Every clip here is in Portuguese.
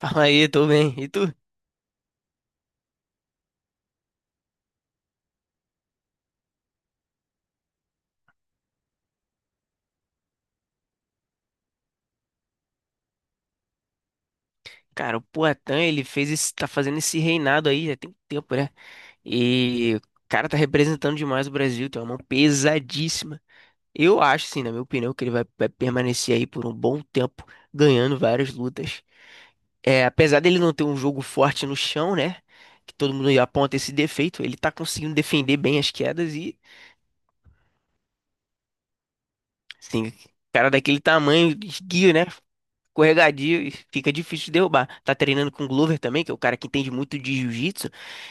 Fala aí, tô bem. E tu? Cara, o Poatan, ele fez esse, tá fazendo esse reinado aí, já tem tempo, né? E o cara tá representando demais o Brasil, tem uma mão pesadíssima. Eu acho, sim, na minha opinião, que ele vai permanecer aí por um bom tempo, ganhando várias lutas. É, apesar dele não ter um jogo forte no chão, né? Que todo mundo aponta esse defeito, ele tá conseguindo defender bem as quedas e, assim, cara daquele tamanho, esguio, né? Escorregadio e fica difícil de derrubar. Tá treinando com o Glover também, que é o cara que entende muito de jiu-jitsu,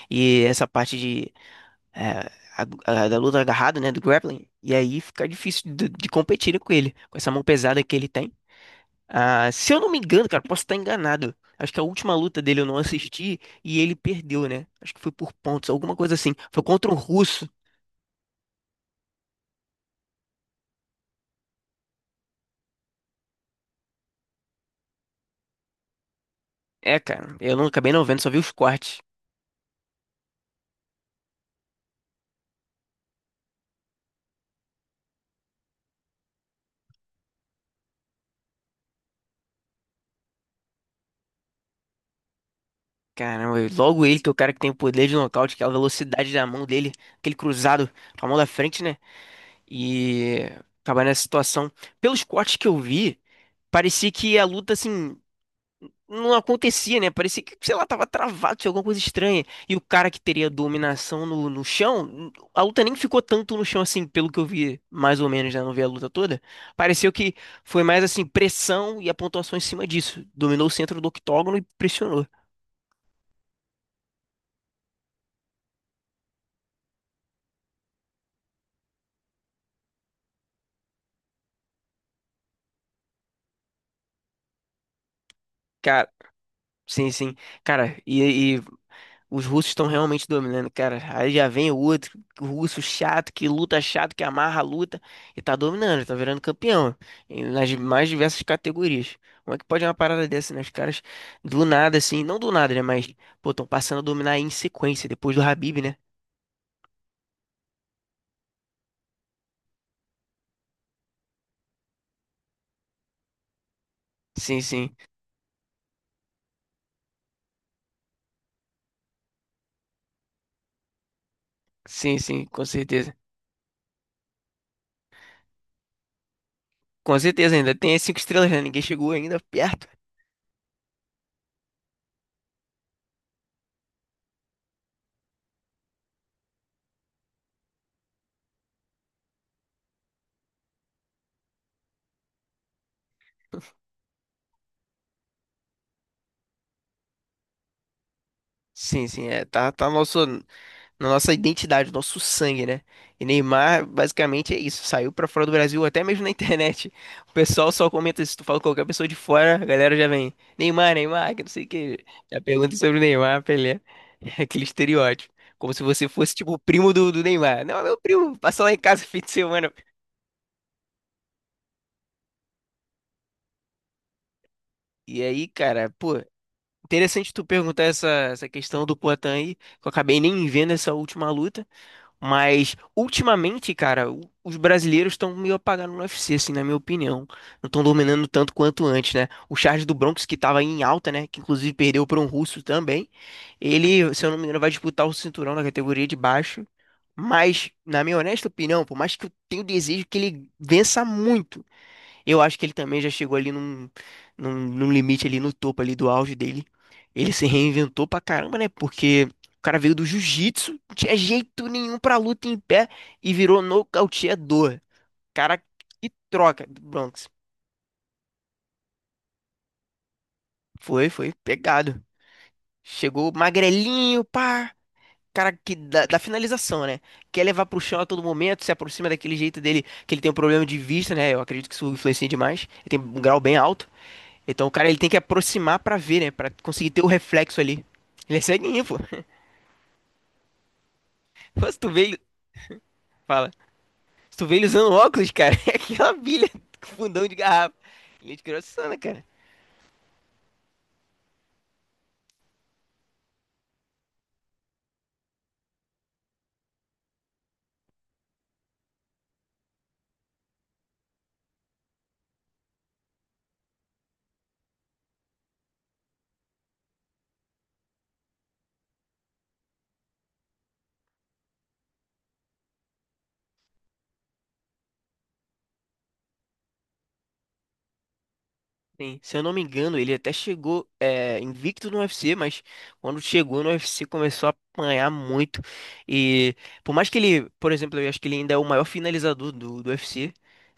e essa parte de, eh, a- da luta agarrada, né, do grappling, e aí fica difícil de competir com ele, com essa mão pesada que ele tem. Ah, se eu não me engano, cara, posso estar enganado. Acho que a última luta dele eu não assisti e ele perdeu, né? Acho que foi por pontos, alguma coisa assim. Foi contra um russo. É, cara, eu não acabei não vendo, só vi os cortes. Caramba, e logo ele, que é o cara que tem o poder de nocaute, que é a velocidade da mão dele, aquele cruzado com a mão da frente, né? E acabar nessa situação. Pelos cortes que eu vi, parecia que a luta, assim, não acontecia, né? Parecia que, sei lá, tava travado, tinha alguma coisa estranha. E o cara que teria dominação no, no chão, a luta nem ficou tanto no chão, assim, pelo que eu vi, mais ou menos, né? Não vi a luta toda. Pareceu que foi mais, assim, pressão e a pontuação em cima disso. Dominou o centro do octógono e pressionou. Sim, sim. Cara, e os russos estão realmente dominando, cara. Aí já vem o outro, russo chato, que luta chato, que amarra a luta, e tá dominando, tá virando campeão, nas mais diversas categorias. Como é que pode uma parada dessa, né? Os caras, do nada, assim, não do nada, né? Mas, pô, estão passando a dominar em sequência, depois do Habib, né? Sim, sim. Sim, sim, com certeza. Com certeza ainda. Tem as cinco estrelas, né? Ninguém chegou ainda perto. Sim, sim, é, tá, tá nosso. Na nossa identidade, nosso sangue, né? E Neymar, basicamente, é isso. Saiu pra fora do Brasil, até mesmo na internet. O pessoal só comenta, se tu fala com qualquer pessoa de fora, a galera já vem, Neymar, Neymar, que não sei o que. Já pergunta sobre o Neymar, Pelé. aquele estereótipo. Como se você fosse, tipo, o primo do Neymar. Não, é meu primo, passa lá em casa fim de semana. E aí, cara, pô, interessante tu perguntar essa questão do Poatan aí, que eu acabei nem vendo essa última luta. Mas ultimamente, cara, os brasileiros estão meio apagando no UFC, assim, na minha opinião. Não estão dominando tanto quanto antes, né? O Charles do Bronx, que tava em alta, né? Que inclusive perdeu para um russo também. Ele, se eu não me engano, vai disputar o cinturão na categoria de baixo. Mas, na minha honesta opinião, por mais que eu tenha o desejo que ele vença muito. Eu acho que ele também já chegou ali num limite ali no topo ali do auge dele. Ele se reinventou pra caramba, né? Porque o cara veio do jiu-jitsu, não tinha jeito nenhum pra luta em pé e virou nocauteador. Cara, que troca do Bronx. Foi pegado. Chegou magrelinho, pá. Cara que da finalização, né? Quer levar pro chão a todo momento, se aproxima daquele jeito dele, que ele tem um problema de vista, né? Eu acredito que isso influencia demais. Ele tem um grau bem alto. Então o cara ele tem que aproximar pra ver, né? Pra conseguir ter o reflexo ali. Ele é ceguinho, pô. Pô, se tu vê ele. Fala. Se tu vê ele usando óculos, cara, é aquela bilha com fundão de garrafa. Ele é de grossona, cara. Sim, se eu não me engano, ele até chegou é, invicto no UFC, mas quando chegou no UFC começou a apanhar muito. E por mais que ele, por exemplo, eu acho que ele ainda é o maior finalizador do UFC,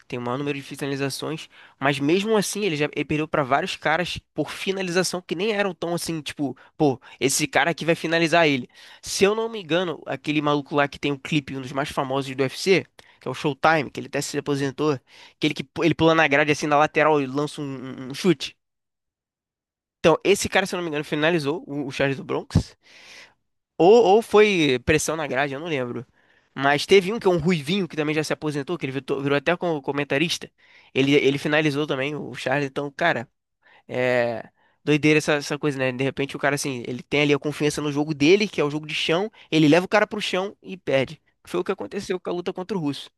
tem o maior número de finalizações, mas mesmo assim ele já ele perdeu para vários caras por finalização que nem eram tão assim, tipo, pô, esse cara aqui vai finalizar ele. Se eu não me engano, aquele maluco lá que tem um clipe, um dos mais famosos do UFC, que é o Showtime, que ele até se aposentou, aquele que pu- ele pula na grade assim na lateral e lança um chute. Então, esse cara, se eu não me engano, finalizou o Charles do Bronx. Ou foi pressão na grade, eu não lembro. Mas teve um que é um ruivinho que também já se aposentou, que ele virou, virou até como comentarista. Ele finalizou também o Charles. Então, cara, é doideira essa, essa coisa, né? De repente o cara, assim, ele tem ali a confiança no jogo dele, que é o jogo de chão. Ele leva o cara pro chão e perde. Foi o que aconteceu com a luta contra o Russo.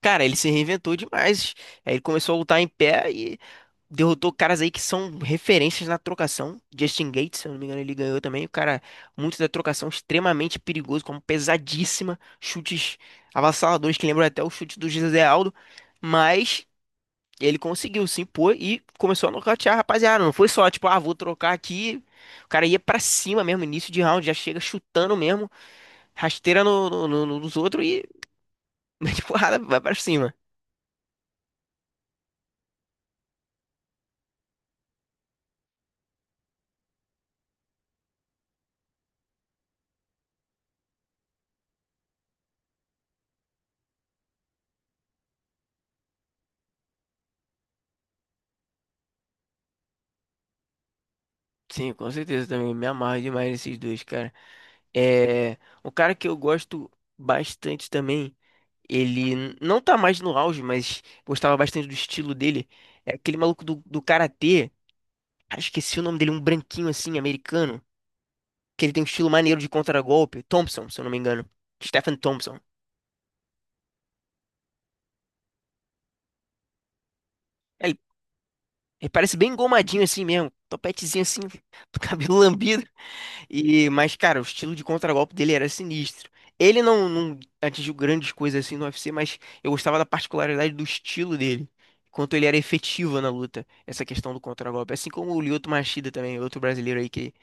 Cara, ele se reinventou demais. Aí ele começou a lutar em pé e derrotou caras aí que são referências na trocação. Justin Gates, se eu não me engano, ele ganhou também. O cara, muito da trocação, extremamente perigoso, como pesadíssima. Chutes avassaladores que lembram até o chute do José Aldo. Mas ele conseguiu se impor e começou a nocautear a rapaziada. Não foi só, tipo, ah, vou trocar aqui. O cara ia pra cima mesmo, início de round, já chega chutando mesmo, rasteira nos outros e mete porrada, vai pra cima. Sim, com certeza também. Me amarro demais nesses dois, cara. É, um cara que eu gosto bastante também, ele não tá mais no auge, mas gostava bastante do estilo dele. É aquele maluco do karatê, cara, esqueci o nome dele, um branquinho assim, americano, que ele tem um estilo maneiro de contragolpe. Thompson, se eu não me engano. Stephen Thompson. Ele, ele parece bem engomadinho assim mesmo, topetezinho assim, do cabelo lambido. E, mas, cara, o estilo de contragolpe dele era sinistro. Ele não atingiu grandes coisas assim no UFC, mas eu gostava da particularidade do estilo dele. Quanto ele era efetivo na luta, essa questão do contragolpe. Assim como o Lyoto Machida também, outro brasileiro aí que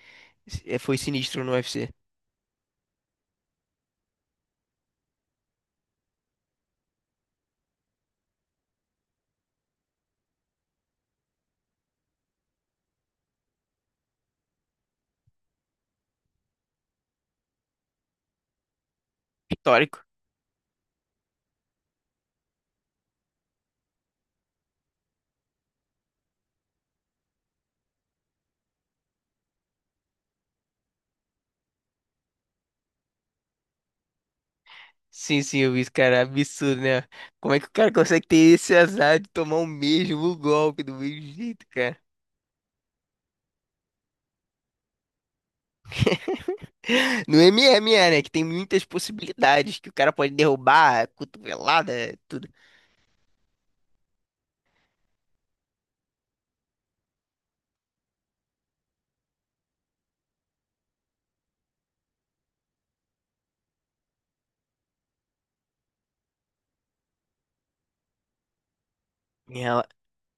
foi sinistro no UFC. Histórico. Sim, sim, eu vi isso, cara. Absurdo, né? Como é que o cara consegue ter esse azar de tomar o mesmo golpe do mesmo jeito, cara? No MMA, né? Que tem muitas possibilidades que o cara pode derrubar, cotovelada, tudo. E ela-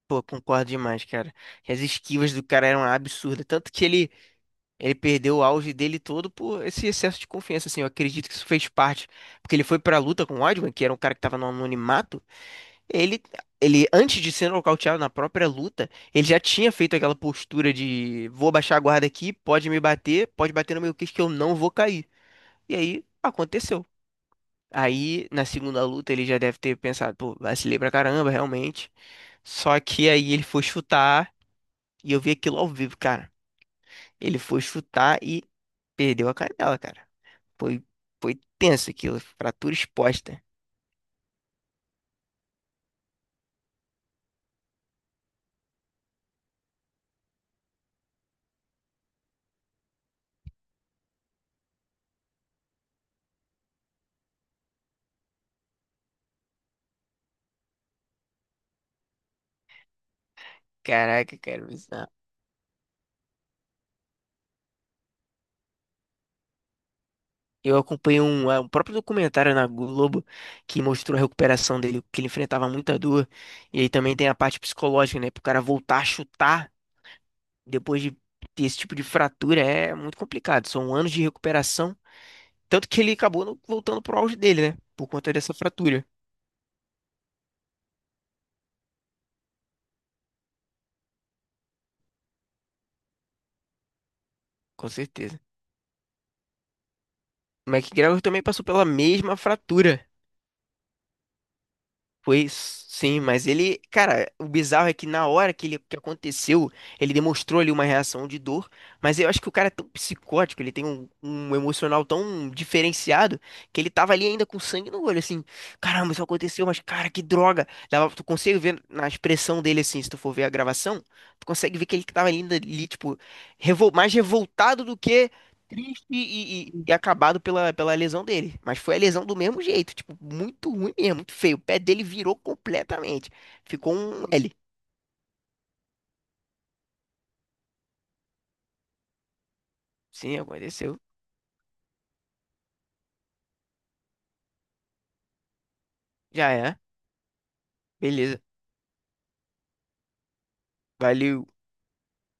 pô, concordo demais, cara. E as esquivas do cara eram absurdas. Tanto que ele perdeu o auge dele todo por esse excesso de confiança, assim. Eu acredito que isso fez parte. Porque ele foi pra luta com o Weidman, que era um cara que tava no anonimato. Ele, ele, antes de ser nocauteado na própria luta, ele já tinha feito aquela postura de vou baixar a guarda aqui, pode me bater, pode bater no meu queixo que eu não vou cair. E aí, aconteceu. Aí, na segunda luta, ele já deve ter pensado, pô, vacilei pra caramba, realmente. Só que aí ele foi chutar e eu vi aquilo ao vivo, cara. Ele foi chutar e perdeu a canela, cara. Foi, foi tenso aquilo, fratura exposta. Caraca, cara, bizarro. Eu acompanhei um próprio documentário na Globo que mostrou a recuperação dele, que ele enfrentava muita dor. E aí também tem a parte psicológica, né? Pro cara voltar a chutar depois de ter esse tipo de fratura é muito complicado. São anos de recuperação. Tanto que ele acabou voltando pro auge dele, né? Por conta dessa fratura, com certeza. O McGregor também passou pela mesma fratura. Pois sim, mas ele, cara, o bizarro é que na hora que ele que aconteceu, ele demonstrou ali uma reação de dor, mas eu acho que o cara é tão psicótico, ele tem um, um emocional tão diferenciado que ele tava ali ainda com sangue no olho, assim, caramba, isso aconteceu, mas cara, que droga. Dava, tu consegue ver na expressão dele assim, se tu for ver a gravação, tu consegue ver que ele tava ali, ainda ali tipo, mais revoltado do que triste e acabado pela, pela lesão dele. Mas foi a lesão do mesmo jeito, tipo, muito ruim mesmo, muito feio. O pé dele virou completamente. Ficou um L. Sim, aconteceu. Já é. Beleza. Valeu.